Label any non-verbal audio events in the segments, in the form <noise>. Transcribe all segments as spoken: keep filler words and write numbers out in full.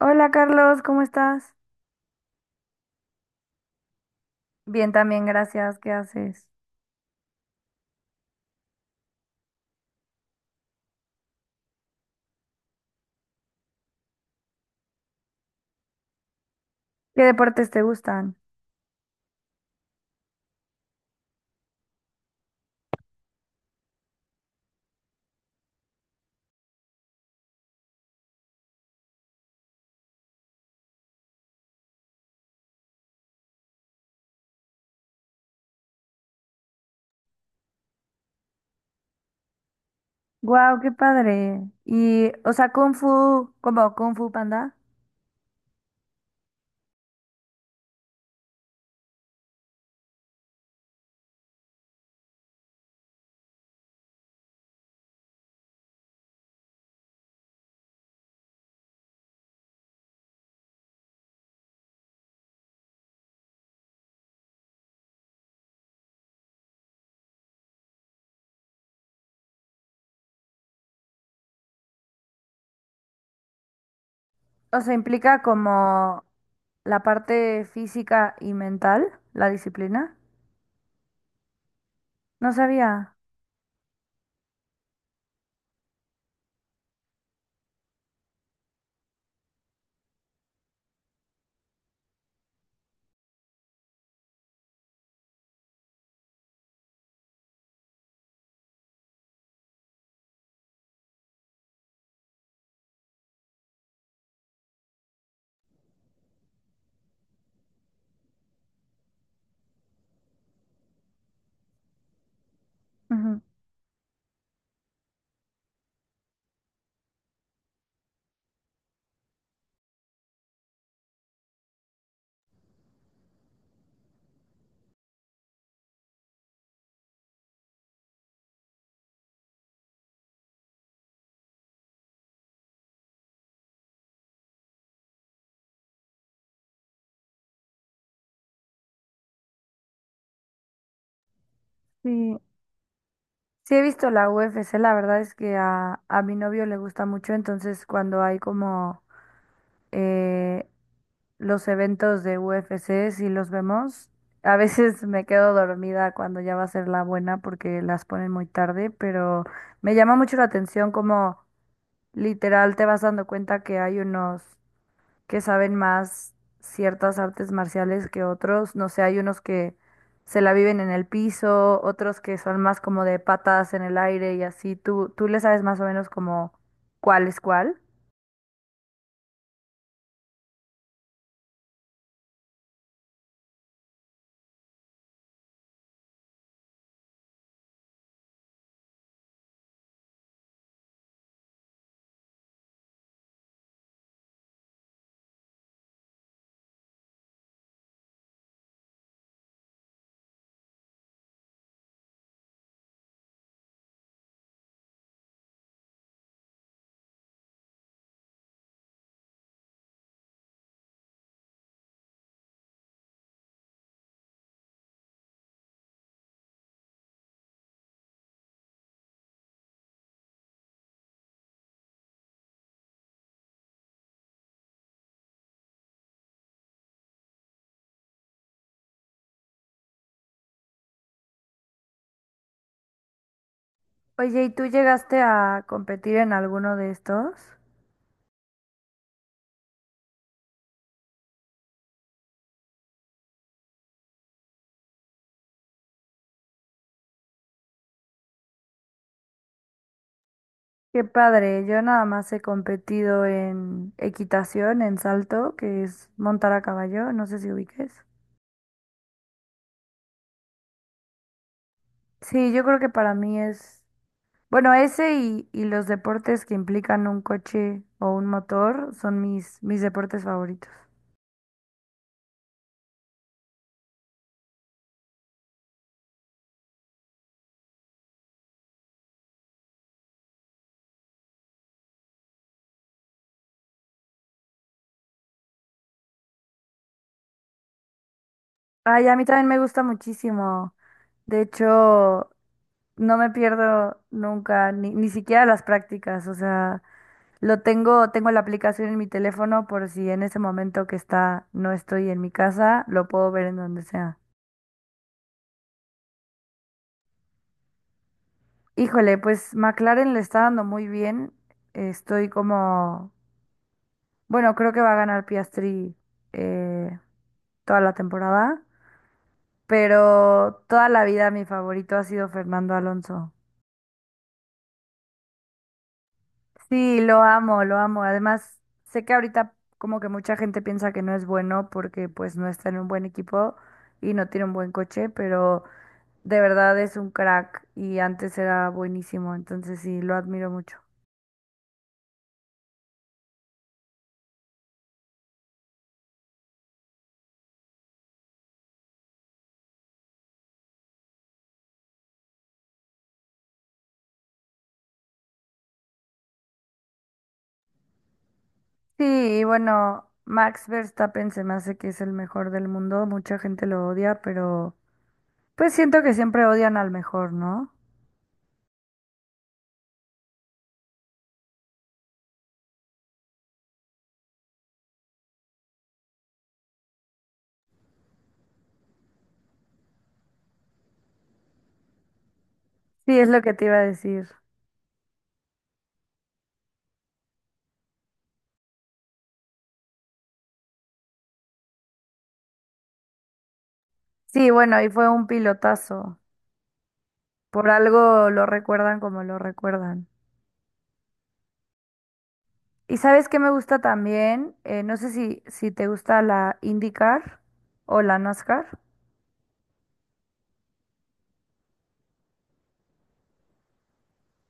Hola Carlos, ¿cómo estás? Bien, también, gracias. ¿Qué haces? ¿Qué deportes te gustan? Wow, qué padre. Y, o sea, Kung Fu, como Kung Fu Panda, o sea, implica como la parte física y mental, la disciplina. No sabía. Ujú. Sí, sí he visto la U F C, la verdad es que a, a mi novio le gusta mucho, entonces cuando hay como eh, los eventos de U F C, si los vemos. A veces me quedo dormida cuando ya va a ser la buena porque las ponen muy tarde, pero me llama mucho la atención como literal te vas dando cuenta que hay unos que saben más ciertas artes marciales que otros. No sé, hay unos que se la viven en el piso, otros que son más como de patas en el aire y así. ¿Tú, tú le sabes más o menos como cuál es cuál? Oye, ¿y tú llegaste a competir en alguno de estos? Qué padre, yo nada más he competido en equitación, en salto, que es montar a caballo, no sé si ubiques. Sí, yo creo que para mí es, bueno, ese y, y los deportes que implican un coche o un motor son mis, mis deportes favoritos. Ay, a mí también me gusta muchísimo. De hecho, no me pierdo nunca, ni, ni siquiera las prácticas. O sea, Lo tengo, tengo la aplicación en mi teléfono por si en ese momento que está, no estoy en mi casa, lo puedo ver en donde sea. Híjole, pues McLaren le está dando muy bien. Estoy como, bueno, creo que va a ganar Piastri eh, toda la temporada, pero toda la vida mi favorito ha sido Fernando Alonso. Sí, lo amo, lo amo. Además, sé que ahorita como que mucha gente piensa que no es bueno porque pues no está en un buen equipo y no tiene un buen coche, pero de verdad es un crack y antes era buenísimo, entonces sí, lo admiro mucho. Sí, y bueno, Max Verstappen se me hace que es el mejor del mundo, mucha gente lo odia, pero pues siento que siempre odian al mejor, ¿no? Sí, es lo que te iba a decir. Sí, bueno, y fue un pilotazo, por algo lo recuerdan como lo recuerdan. ¿Y sabes qué me gusta también? Eh, no sé si, si te gusta la IndyCar o la NASCAR.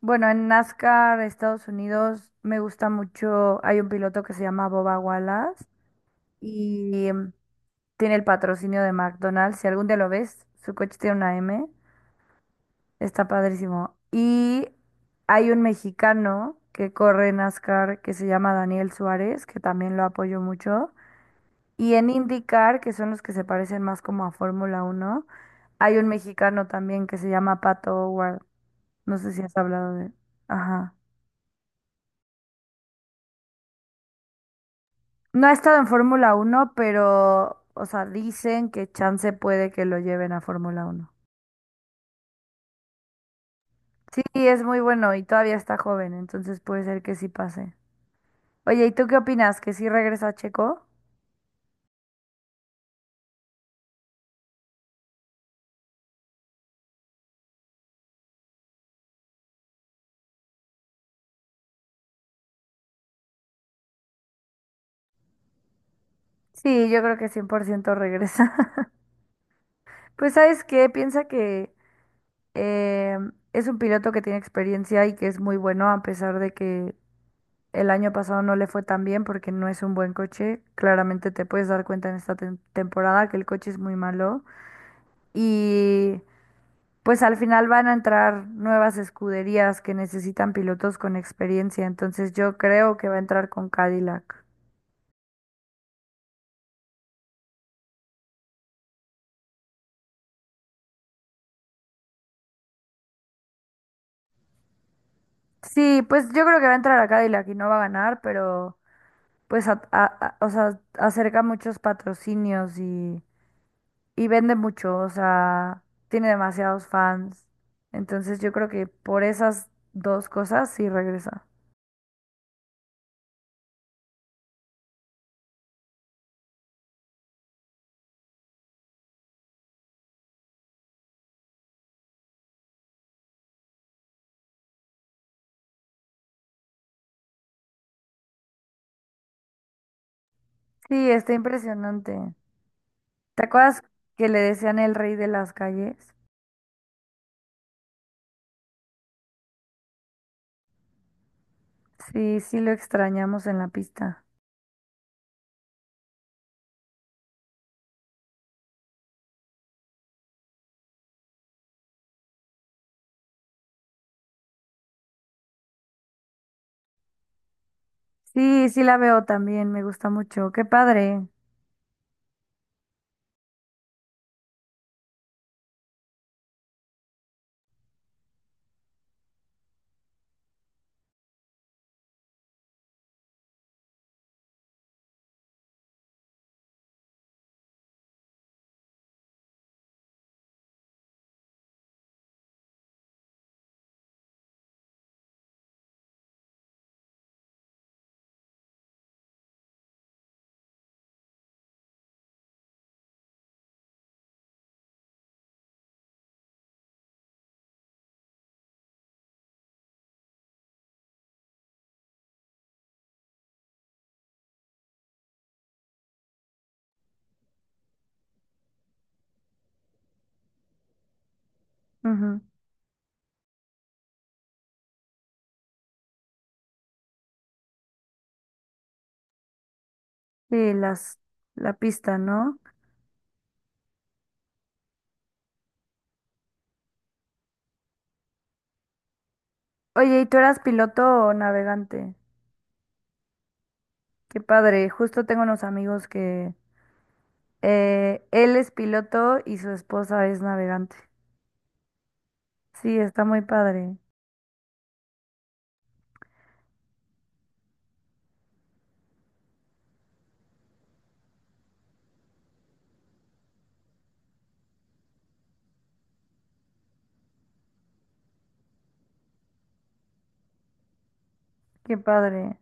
Bueno, en NASCAR, Estados Unidos, me gusta mucho. Hay un piloto que se llama Boba Wallace y em, tiene el patrocinio de McDonald's. Si algún día lo ves, su coche tiene una M, está padrísimo. Y hay un mexicano que corre NASCAR que se llama Daniel Suárez, que también lo apoyo mucho. Y en IndyCar, que son los que se parecen más como a Fórmula Uno, hay un mexicano también que se llama Pato O'Ward. No sé si has hablado de... Ajá. No ha estado en Fórmula Uno, pero, o sea, dicen que chance puede que lo lleven a Fórmula Uno. Sí, es muy bueno y todavía está joven, entonces puede ser que sí pase. Oye, ¿y tú qué opinas? ¿Que sí regresa Checo? Sí, yo creo que cien por ciento regresa. <laughs> Pues, ¿sabes qué? Piensa que eh, es un piloto que tiene experiencia y que es muy bueno, a pesar de que el año pasado no le fue tan bien porque no es un buen coche. Claramente te puedes dar cuenta en esta tem- temporada que el coche es muy malo. Y pues al final van a entrar nuevas escuderías que necesitan pilotos con experiencia, entonces yo creo que va a entrar con Cadillac. Sí, pues yo creo que va a entrar a Cadillac y no va a ganar, pero pues a- a- a- o sea, acerca muchos patrocinios y, y vende mucho, o sea, tiene demasiados fans. Entonces yo creo que por esas dos cosas sí regresa. Sí, está impresionante. ¿Te acuerdas que le decían el rey de las calles? Sí, sí lo extrañamos en la pista. Sí, sí la veo también, me gusta mucho. Qué padre. Ujú. Sí, las, la pista, ¿no? Oye, ¿y tú eras piloto o navegante? Qué padre. Justo tengo unos amigos que eh, él es piloto y su esposa es navegante. Sí, está muy padre. Qué padre.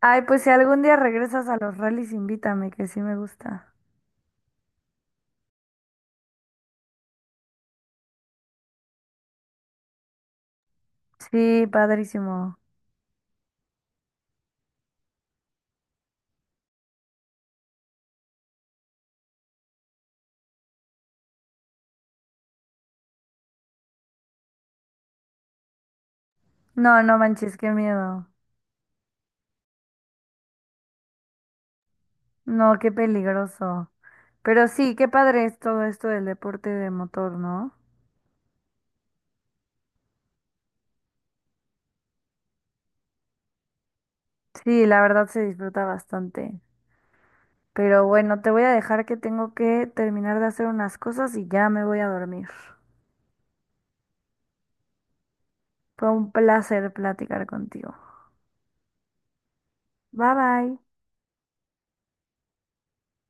Ay, pues si algún día regresas a los rallies, invítame, que sí me gusta. Sí, padrísimo. No, no manches, qué miedo. No, qué peligroso. Pero sí, qué padre es todo esto del deporte de motor, ¿no? Sí, la verdad se disfruta bastante. Pero bueno, te voy a dejar que tengo que terminar de hacer unas cosas y ya me voy a dormir. Fue un placer platicar contigo. Bye bye.